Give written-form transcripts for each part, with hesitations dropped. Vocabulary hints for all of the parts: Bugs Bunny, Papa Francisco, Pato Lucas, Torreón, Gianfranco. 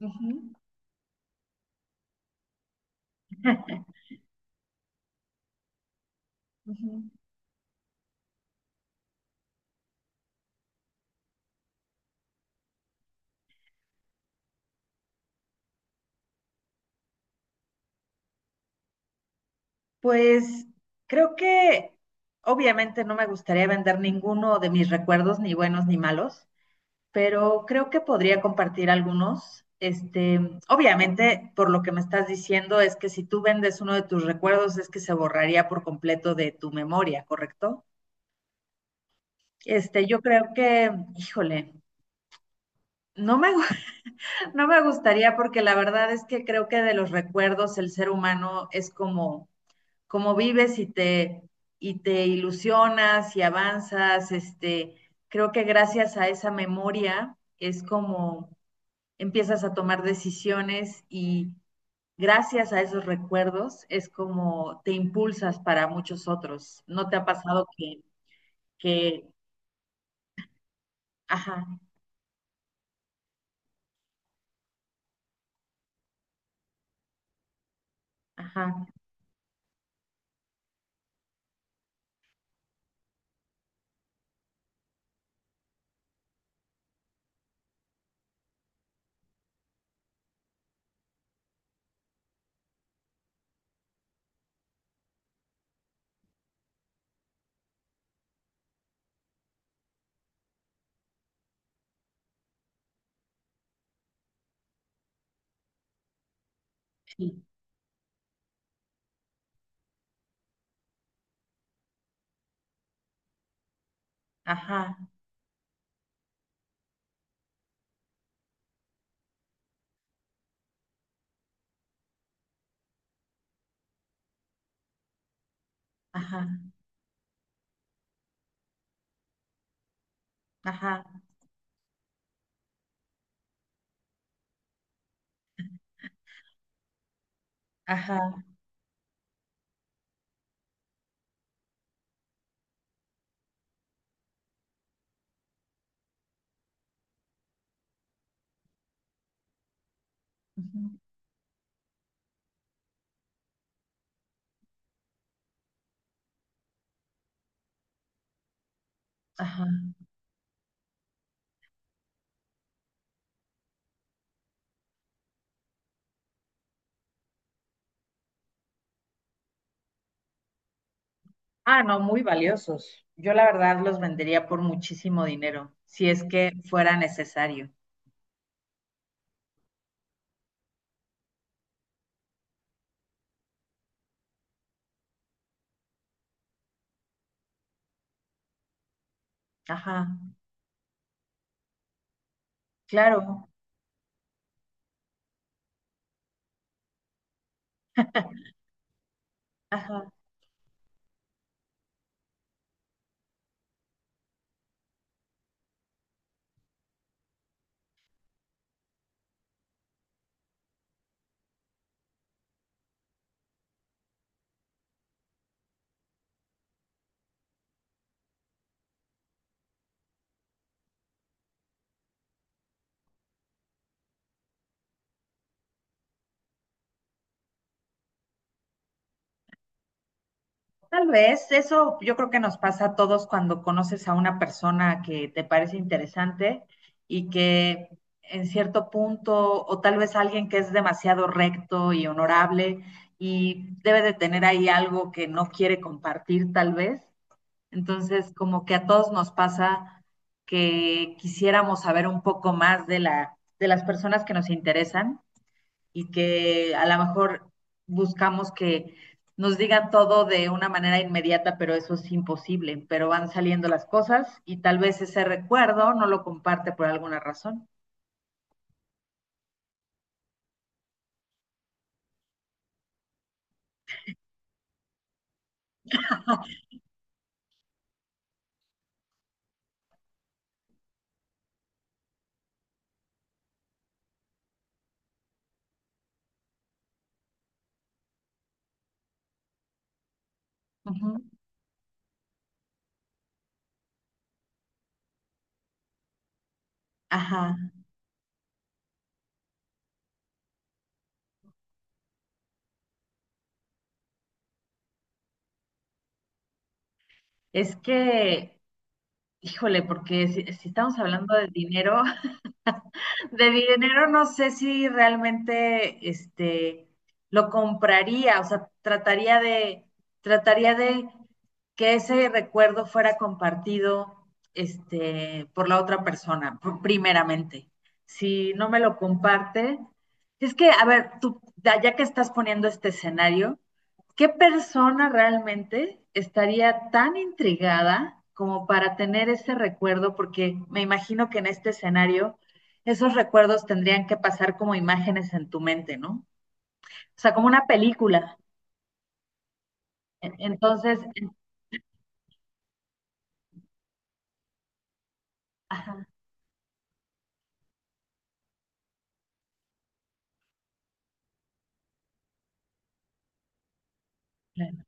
Ujú. Ujú. Pues creo que obviamente no me gustaría vender ninguno de mis recuerdos, ni buenos ni malos, pero creo que podría compartir algunos. Este, obviamente, por lo que me estás diciendo, es que si tú vendes uno de tus recuerdos, es que se borraría por completo de tu memoria, ¿correcto? Este, yo creo que, híjole, no me, gu- no me gustaría porque la verdad es que creo que de los recuerdos el ser humano es como cómo vives y te ilusionas y avanzas. Este, creo que gracias a esa memoria es como empiezas a tomar decisiones y gracias a esos recuerdos es como te impulsas para muchos otros. ¿No te ha pasado que, ajá, ajá, sí, ajá, ajá, ajá, ajá, ujú, ajá? Ah, no, muy valiosos. Yo la verdad los vendería por muchísimo dinero, si es que fuera necesario. Ajá, claro, ajá. Tal vez eso yo creo que nos pasa a todos cuando conoces a una persona que te parece interesante y que en cierto punto, o tal vez alguien que es demasiado recto y honorable y debe de tener ahí algo que no quiere compartir, tal vez. Entonces, como que a todos nos pasa que quisiéramos saber un poco más de de las personas que nos interesan y que a lo mejor buscamos que nos digan todo de una manera inmediata, pero eso es imposible, pero van saliendo las cosas y tal vez ese recuerdo no lo comparte por alguna razón. Ujú. Ajá. Es que, híjole, porque si estamos hablando de dinero. De dinero no sé si realmente este lo compraría, o sea, trataría de que ese recuerdo fuera compartido este por la otra persona primeramente. Si no me lo comparte, es que a ver, tú ya que estás poniendo este escenario, ¿qué persona realmente estaría tan intrigada como para tener ese recuerdo? Porque me imagino que en este escenario esos recuerdos tendrían que pasar como imágenes en tu mente, ¿no? O sea, como una película. E- Entonces, en- ajá, claro.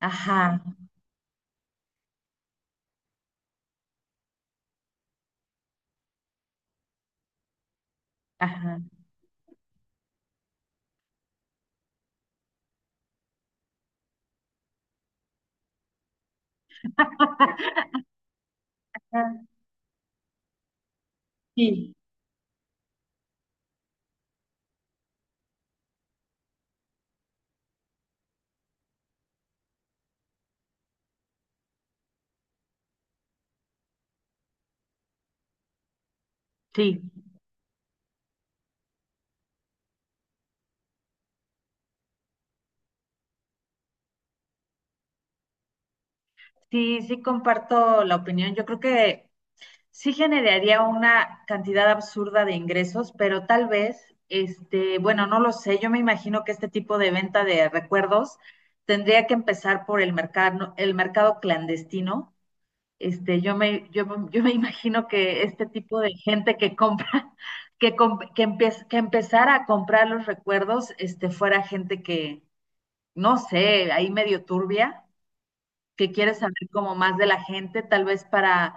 Ajá, ajá. Ah, sí, sí, sí, sí comparto la opinión. Yo creo que sí generaría una cantidad absurda de ingresos, pero tal vez, este, bueno, no lo sé, yo me imagino que este tipo de venta de recuerdos tendría que empezar por el mercado clandestino. Este, yo me imagino que este tipo de gente que compra, que empezara a comprar los recuerdos, este, fuera gente que, no sé, ahí medio turbia que quieres saber como más de la gente,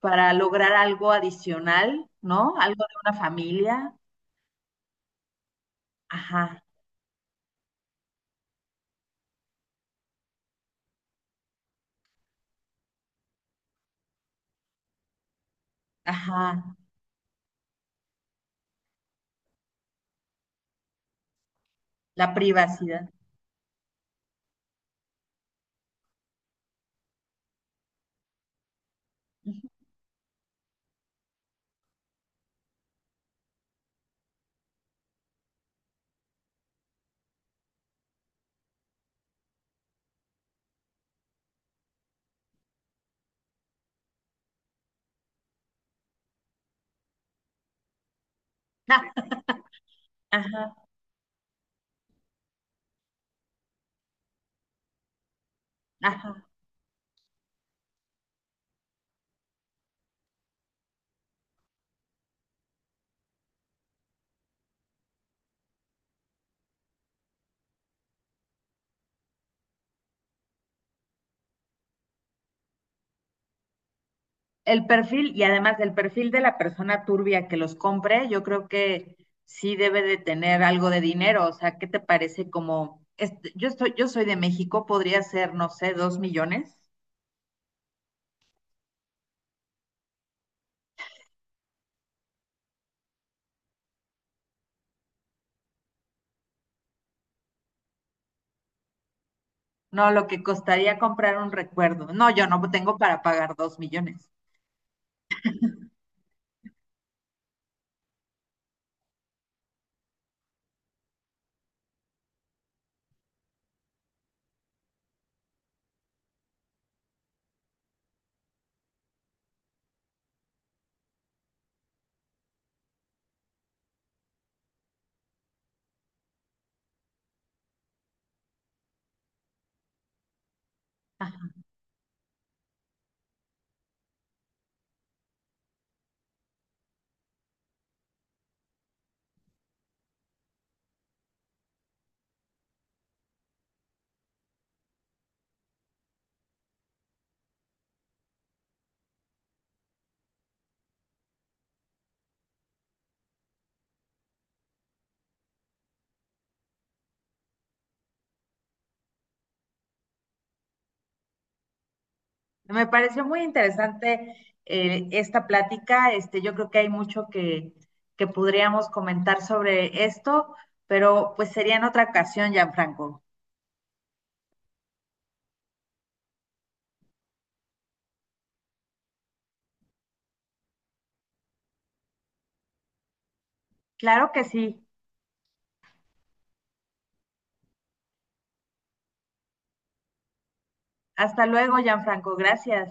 para lograr algo adicional, ¿no? Algo de una familia. Ajá, ajá, la privacidad. Ajá, ajá. El perfil y además el perfil de la persona turbia que los compre, yo creo que sí debe de tener algo de dinero. O sea, ¿qué te parece como, este, yo soy de México, podría ser, no sé, 2.000.000? No, lo que costaría comprar un recuerdo. No, yo no tengo para pagar 2.000.000. Me pareció muy interesante esta plática. Este, yo creo que hay mucho que podríamos comentar sobre esto, pero pues sería en otra ocasión, Gianfranco. Claro que sí. Hasta luego, Gianfranco. Gracias.